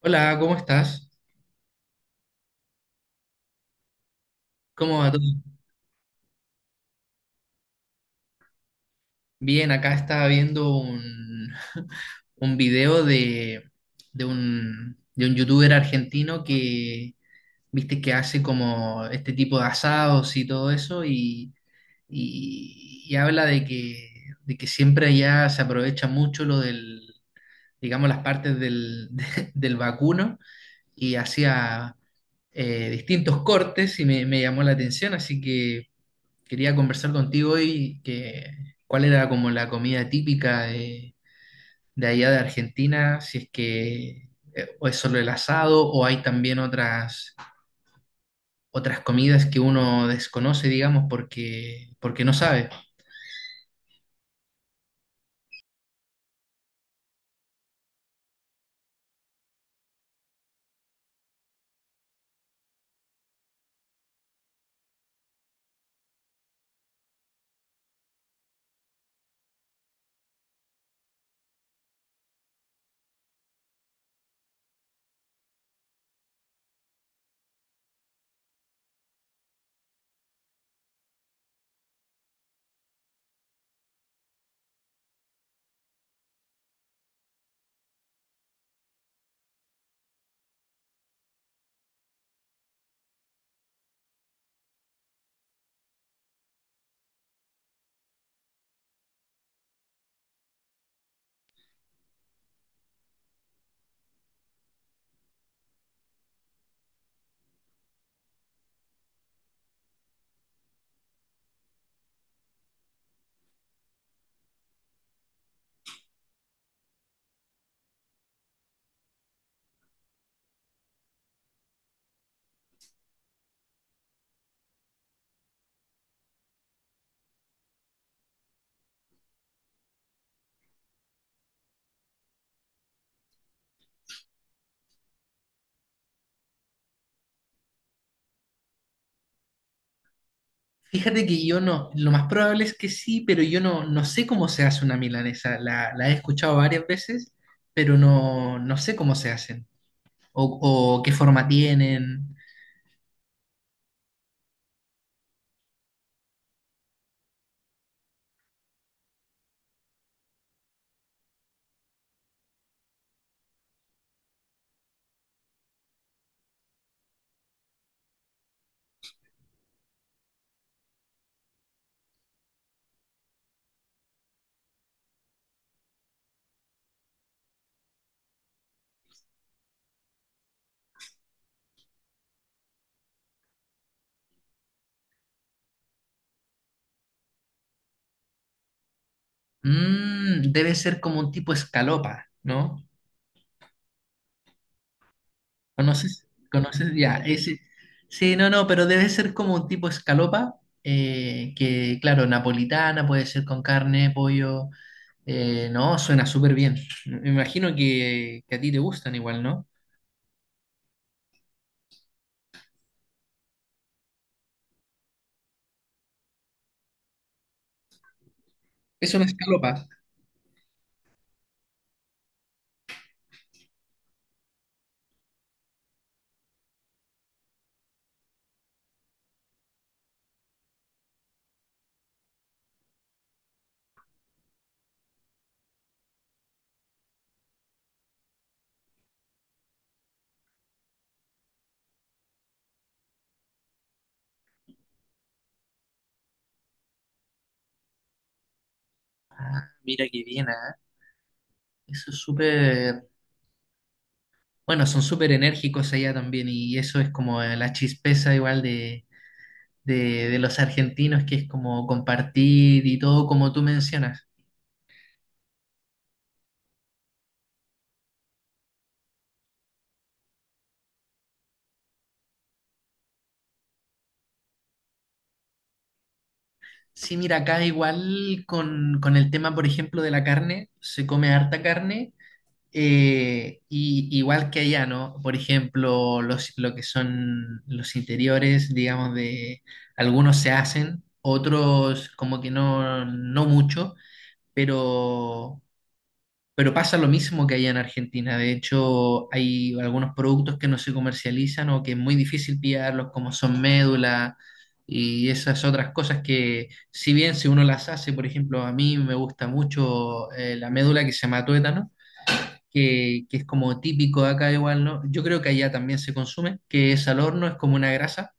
Hola, ¿cómo estás? ¿Cómo va todo? Bien, acá estaba viendo un video de un youtuber argentino que, viste, que hace como este tipo de asados y todo eso y, y habla de que siempre allá se aprovecha mucho lo del, digamos, las partes del, del vacuno y hacía distintos cortes y me llamó la atención, así que... Quería conversar contigo hoy que cuál era como la comida típica de allá de Argentina, si es que o es solo el asado o hay también otras, otras comidas que uno desconoce, digamos, porque, porque no sabe. Fíjate que yo no, lo más probable es que sí, pero yo no, no sé cómo se hace una milanesa. La he escuchado varias veces, pero no, no sé cómo se hacen o, o qué forma tienen. Mm, debe ser como un tipo escalopa, ¿no? ¿Conoces? ¿Conoces? Ya, ese. Sí, no, no, pero debe ser como un tipo escalopa, que claro, napolitana, puede ser con carne, pollo. No, suena súper bien. Me imagino que a ti te gustan igual, ¿no? Es una escalopa. Mira qué bien, ¿ah? Eso es súper. Bueno, son súper enérgicos allá también, y eso es como la chispeza igual de los argentinos, que es como compartir y todo como tú mencionas. Sí, mira, acá igual con el tema, por ejemplo, de la carne, se come harta carne, y igual que allá, ¿no? Por ejemplo, los, lo que son los interiores, digamos, de algunos se hacen, otros como que no, no mucho, pero pero pasa lo mismo que allá en Argentina. De hecho, hay algunos productos que no se comercializan o que es muy difícil pillarlos, como son médula y esas otras cosas que, si bien si uno las hace, por ejemplo, a mí me gusta mucho la médula que se llama tuétano, que es como típico de acá igual, ¿no? Yo creo que allá también se consume, que es al horno, es como una grasa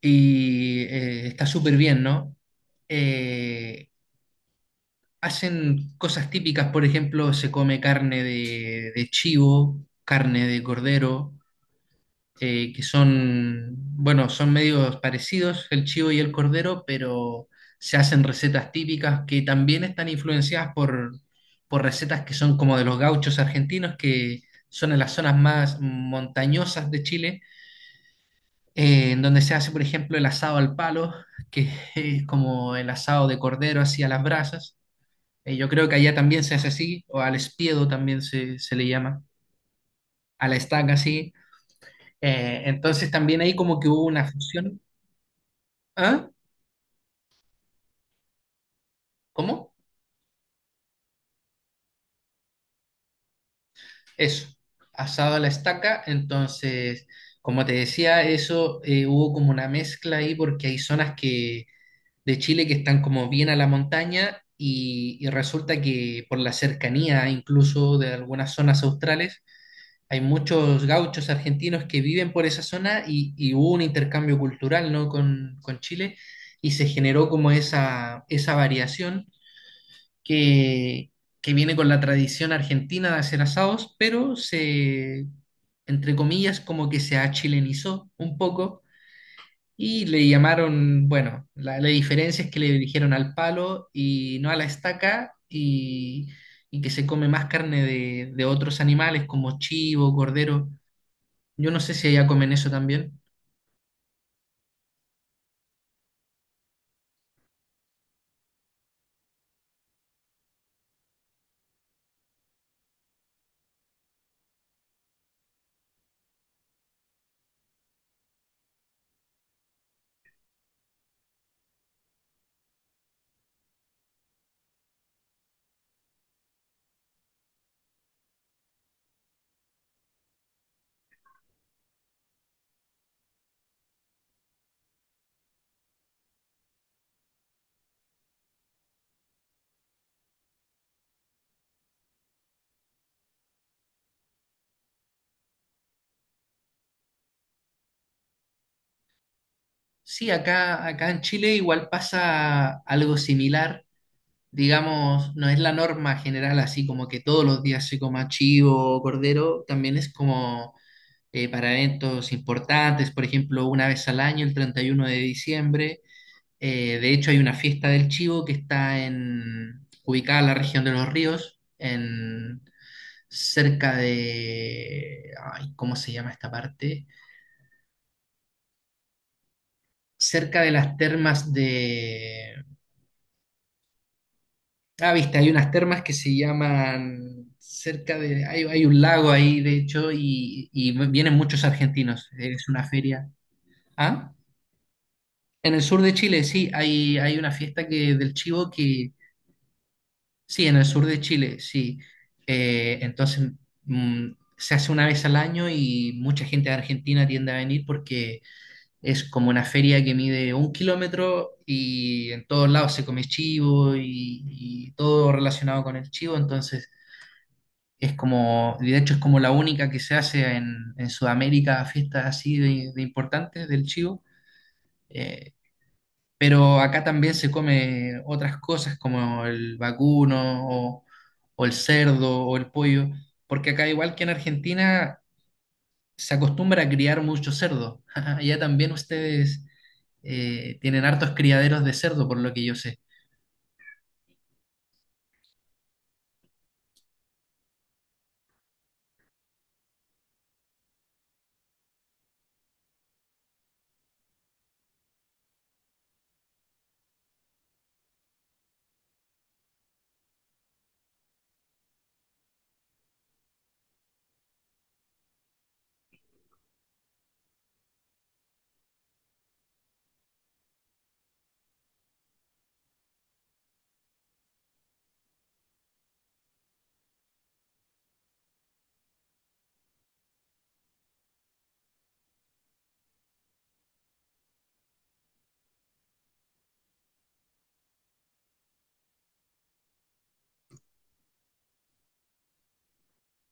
y está súper bien, ¿no? Eh, Hacen cosas típicas, por ejemplo, se come carne de chivo, carne de cordero, que son, bueno, son medios parecidos el chivo y el cordero, pero se hacen recetas típicas que también están influenciadas por recetas que son como de los gauchos argentinos, que son en las zonas más montañosas de Chile, en donde se hace, por ejemplo, el asado al palo, que es como el asado de cordero así a las brasas yo creo que allá también se hace así, o al espiedo también se le llama, a la estaca así. Entonces también ahí como que hubo una fusión. ¿Ah? ¿Cómo? Eso, asado a la estaca. Entonces, como te decía, eso hubo como una mezcla ahí porque hay zonas que, de Chile que están como bien a la montaña y resulta que por la cercanía incluso de algunas zonas australes hay muchos gauchos argentinos que viven por esa zona y hubo un intercambio cultural, ¿no?, con Chile y se generó como esa variación que, que viene con la tradición argentina de hacer asados, pero se, entre comillas, como que se achilenizó un poco y le llamaron, bueno, la diferencia es que le dirigieron al palo y no a la estaca y que se come más carne de otros animales como chivo, cordero. Yo no sé si allá comen eso también. Sí, acá, acá en Chile igual pasa algo similar. Digamos, no es la norma general así como que todos los días se coma chivo o cordero. También es como para eventos importantes, por ejemplo, una vez al año, el 31 de diciembre. De hecho, hay una fiesta del chivo que está en, ubicada en la región de Los Ríos, en, cerca de... Ay, ¿cómo se llama esta parte? Cerca de las termas de... Ah, viste, hay unas termas que se llaman cerca de... Hay un lago ahí, de hecho, y vienen muchos argentinos. Es una feria. ¿Ah? En el sur de Chile, sí, hay una fiesta que, del chivo que... Sí, en el sur de Chile, sí. Entonces, mm, se hace una vez al año y mucha gente de Argentina tiende a venir porque es como una feria que mide 1 kilómetro y en todos lados se come chivo y todo relacionado con el chivo. Entonces es como, y de hecho es como la única que se hace en Sudamérica, fiestas así de importantes del chivo. Eh, pero acá también se come otras cosas como el vacuno o el cerdo o el pollo, porque acá igual que en Argentina se acostumbra a criar mucho cerdo. Allá también ustedes tienen hartos criaderos de cerdo, por lo que yo sé.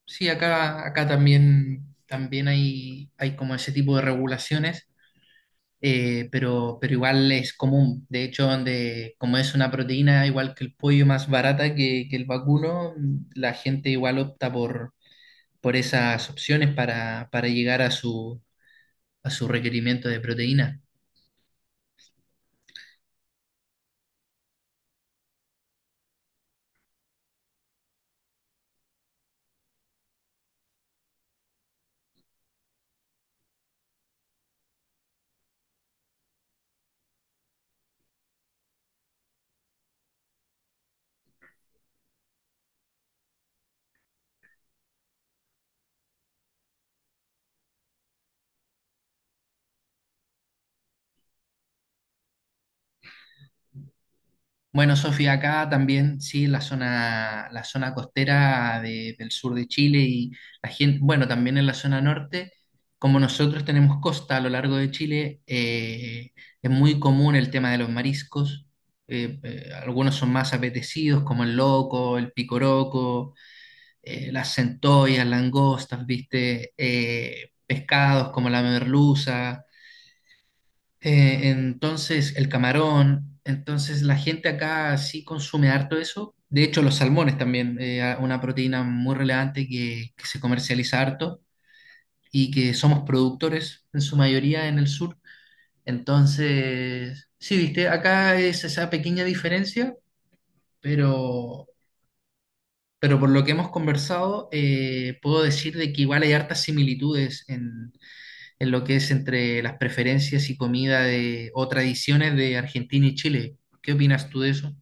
Sí, acá, acá también, también hay como ese tipo de regulaciones, pero igual es común. De hecho, donde, como es una proteína igual que el pollo más barata que el vacuno, la gente igual opta por esas opciones para llegar a su requerimiento de proteína. Bueno, Sofía, acá también, sí, la zona costera del sur de Chile y la gente, bueno, también en la zona norte, como nosotros tenemos costa a lo largo de Chile, es muy común el tema de los mariscos. Algunos son más apetecidos, como el loco, el picoroco, las centollas, langostas, viste. Pescados como la merluza. Entonces, el camarón, entonces la gente acá sí consume harto eso. De hecho, los salmones también, una proteína muy relevante que se comercializa harto y que somos productores en su mayoría en el sur. Entonces, sí, viste, acá es esa pequeña diferencia, pero, pero por lo que hemos conversado, puedo decir de que igual hay hartas similitudes en lo que es entre las preferencias y comida de, o tradiciones de Argentina y Chile. ¿Qué opinas tú de eso?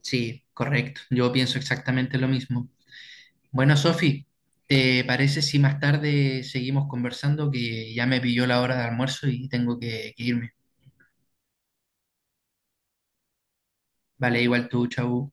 Sí, correcto. Yo pienso exactamente lo mismo. Bueno, Sofi, ¿te parece si más tarde seguimos conversando? Que ya me pilló la hora de almuerzo y tengo que irme. Vale, igual tú, chau.